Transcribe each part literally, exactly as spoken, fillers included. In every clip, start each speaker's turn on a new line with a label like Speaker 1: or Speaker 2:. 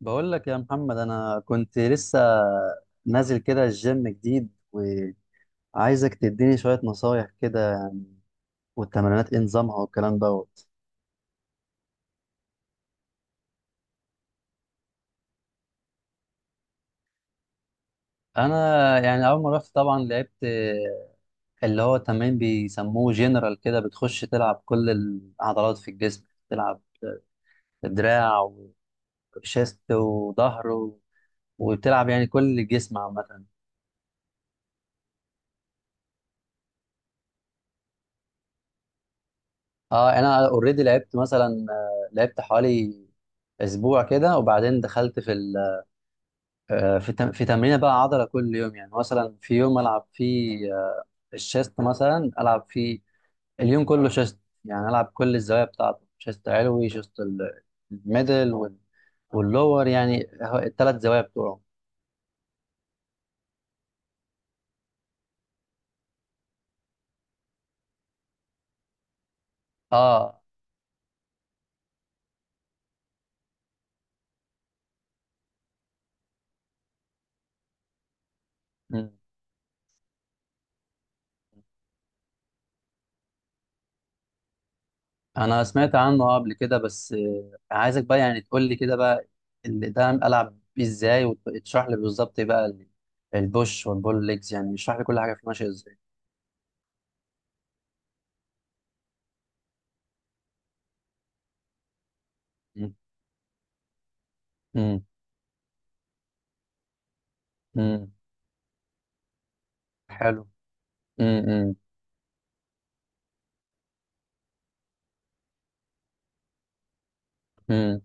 Speaker 1: بقول لك يا محمد انا كنت لسه نازل كده الجيم جديد، وعايزك تديني شوية نصايح كده يعني، والتمرينات ايه نظامها والكلام دوت. انا يعني اول ما رحت طبعا لعبت اللي هو تمرين بيسموه جنرال كده، بتخش تلعب كل العضلات في الجسم. تلعب دراع وشيست وظهر و- وبتلعب يعني كل الجسم عامة. اه، انا اوريدي لعبت مثلا، آه، لعبت حوالي اسبوع كده، وبعدين دخلت في آه، في تم- في تمرينه بقى عضله كل يوم. يعني مثلا في يوم العب فيه، آه، الشيست مثلا، العب فيه اليوم كله شيست. يعني العب كل الزوايا بتاعته، شيست علوي، شيست ال- الميدل، وال- واللور يعني، الثلاث زوايا بتوعه. اه. مم. انا سمعت عنه آه قبل كده، بس آه، عايزك بقى يعني تقول لي كده بقى اللي ده العب بيه ازاي، وتشرح لي بالظبط إيه بقى ال- البوش والبول ليجز. يعني اشرح لي كل حاجه فيه ماشيه ازاي. مم. مم. مم. حلو. مم. امم.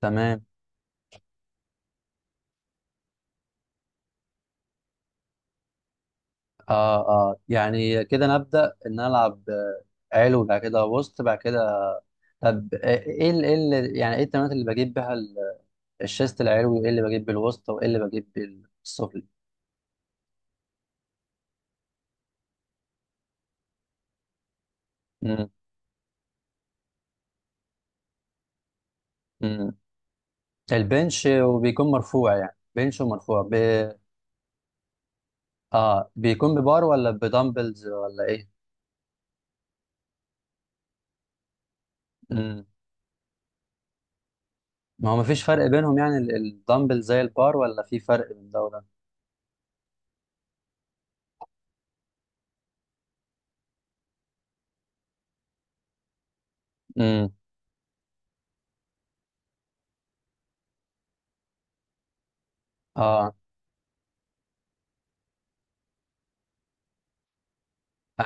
Speaker 1: تمام. اه اه، يعني كده نبدأ ان أنا العب آه، علو، بعد كده وسط، بعد كده طب. آه، ايه ال- ايه ال- يعني ايه التمارين اللي بجيب بيها ال- الشيست العلوي، وايه اللي بجيب بالوسط، وايه اللي بجيب بالسفلي؟ امم. امم. البنش وبيكون مرفوع، يعني بنش ومرفوع ب... اه، بيكون ببار ولا بدمبلز ولا ايه؟ امم. ما هو مفيش فرق بينهم يعني ال- الدمبل زي البار، ولا في فرق بين ده وده؟ امم. اه.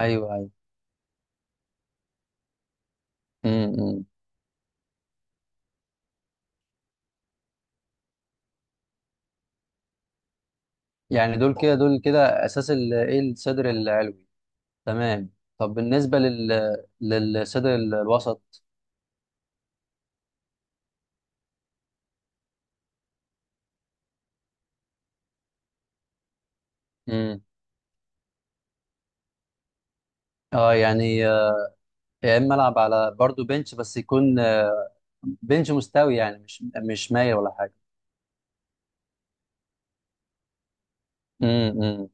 Speaker 1: ايوه ايوه. امم. يعني دول كده، دول كده اساس ال- ايه الصدر العلوي. تمام. طب بالنسبه لل للصدر ال- الوسط؟ امم. اه يعني، آه، يا اما العب على برضو بنش، بس يكون آه، بنش مستوي يعني، مش مش مايل ولا حاجه. امم. امم.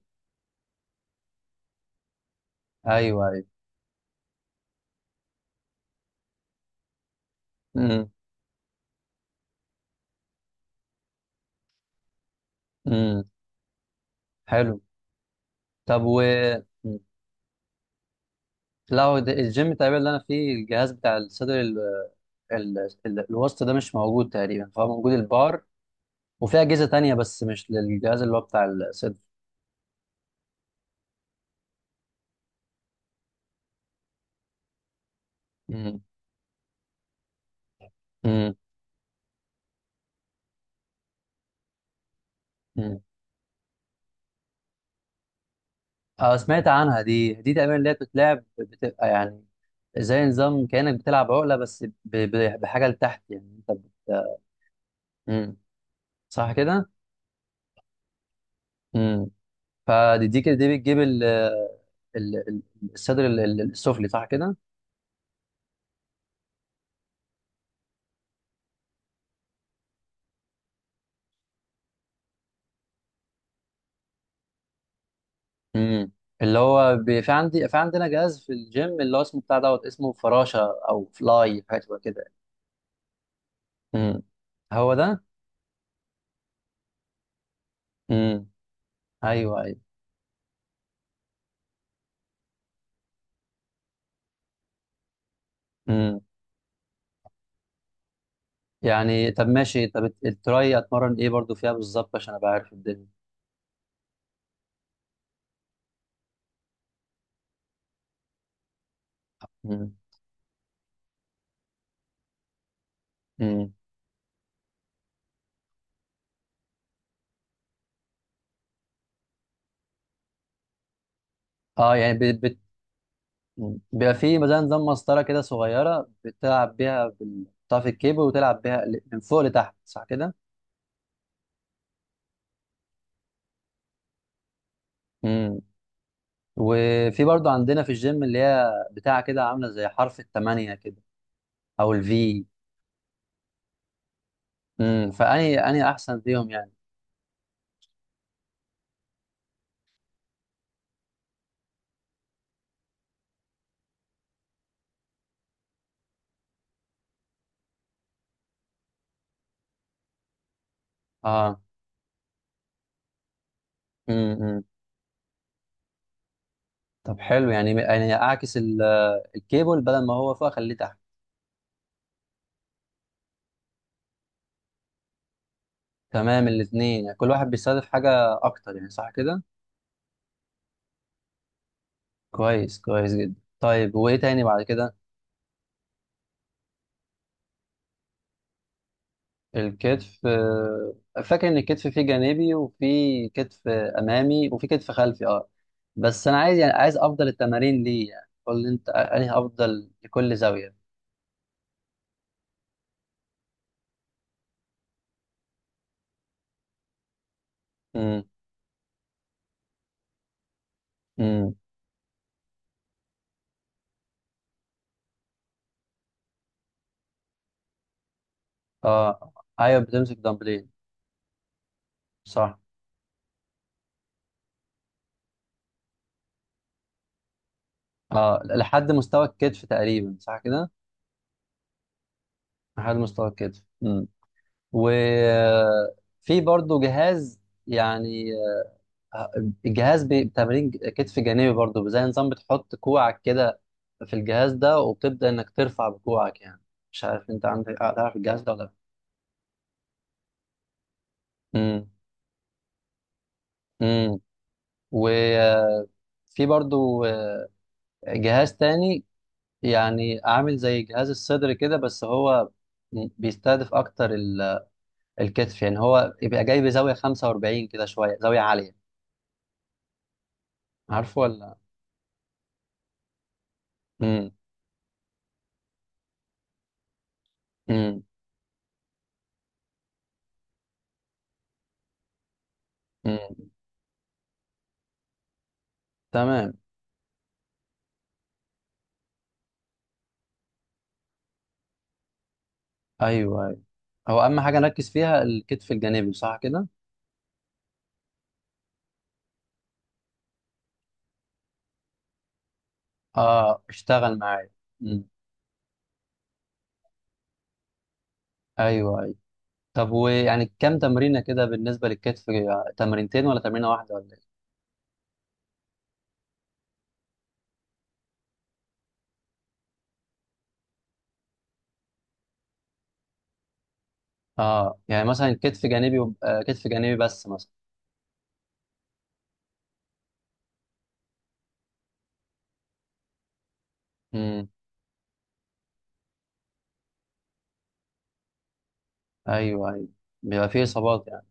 Speaker 1: ايوه ايوه. امم. امم. حلو. طب و مم. لا، هو ده- الجيم تقريبا اللي انا فيه، الجهاز بتاع الصدر ال... ال... ال... الوسط ده مش موجود تقريبا، فهو موجود البار وفي اجهزه تانية، بس مش للجهاز اللي هو بتاع الصدر. امم. امم. اه، سمعت عنها دي دي تقريبا اللي هي بتتلعب، بتبقى يعني زي نظام كأنك بتلعب عقلة، بس ب... ب... بحاجة لتحت، يعني انت بت... امم. صح كده؟ امم. فدي دي كده دي بتجيب ال... ال... ال- الصدر ال- ال- السفلي، صح كده؟ امم. اللي هو ب... في عندي في عندنا جهاز في الجيم اللي هو اسمه بتاع دوت، اسمه فراشة او فلاي، حاجة شبه كده. امم. هو ده؟ امم. ايوه ايوه. يعني طب ماشي، طب التراي اتمرن ايه برضو فيها بالظبط عشان ابقى عارف الدنيا؟ مم. مم. اه يعني بت... بت... مم. بيبقى في مثلا نظام مسطره كده صغيره، بتلعب بيها بال- بتقطع في الكيبل وتلعب بيها ل- من فوق لتحت، صح كده؟ مم. وفي برضو عندنا في الجيم، اللي هي بتاع كده عامله زي حرف الثمانيه كده او الفي. امم، فاني اني احسن فيهم يعني. اه. امم. طب حلو، يعني يعني اعكس ال- الكيبل، بدل ما هو فوق اخليه تحت. تمام. الاثنين يعني كل واحد بيستهدف حاجة أكتر يعني، صح كده؟ كويس، كويس جدا. طيب وإيه تاني بعد كده؟ الكتف، آه، فاكر إن الكتف فيه جانبي، وفيه كتف أمامي، وفيه كتف خلفي، أه. بس أنا عايز، يعني عايز أفضل التمارين ليه، يعني قول لي أنت أنهي أفضل لكل زاوية. امم. امم. أه. أيوه، بتمسك دمبلين. صح. أه، لحد مستوى الكتف تقريبا، صح كده؟ لحد مستوى الكتف. امم. وفي برضه جهاز يعني، الجهاز بي- بتمرين كتف جانبي برضو، زي نظام بتحط كوعك كده في الجهاز ده، وبتبدأ انك ترفع بكوعك يعني. مش عارف انت عندك آه، تعرف الجهاز ده ولا لا؟ امم. امم. وفي برضو آه، جهاز تاني يعني، عامل زي جهاز الصدر كده، بس هو م- بيستهدف اكتر ال- الكتف يعني، هو يبقى جاي بزاوية خمسة وأربعين كده، شوية زاوية عالية. عارفه ولا؟ امم. امم. امم. تمام. ايوه، أيوة. هو اهم حاجة نركز فيها الكتف الجانبي، صح كده؟ اه، اشتغل معايا. مم. ايوه ايوه. طب، ويعني كام تمرينه كده بالنسبه للكتف، آه، تمرينتين ولا تمرينه واحده ولا ايه؟ اه، يعني مثلا كتف جانبي وب- آه، كتف جانبي بس مثلا. امم. ايوه ايوه. بيبقى فيه اصابات يعني.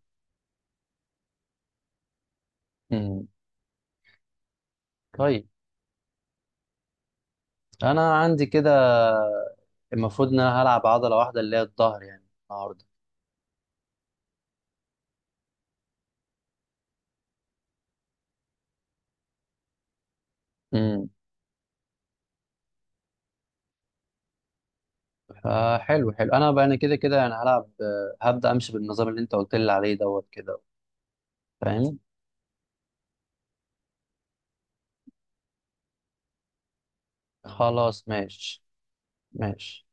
Speaker 1: امم. طيب، انا عندي كده المفروض ان انا هلعب عضله واحده اللي هي الظهر يعني النهارده. امم. فحلو، حلو. انا بقى انا كده كده يعني هلعب، آه، هبدا امشي بالنظام اللي انت قلت لي عليه دوت كده. فاهم. خلاص ماشي. ماشي.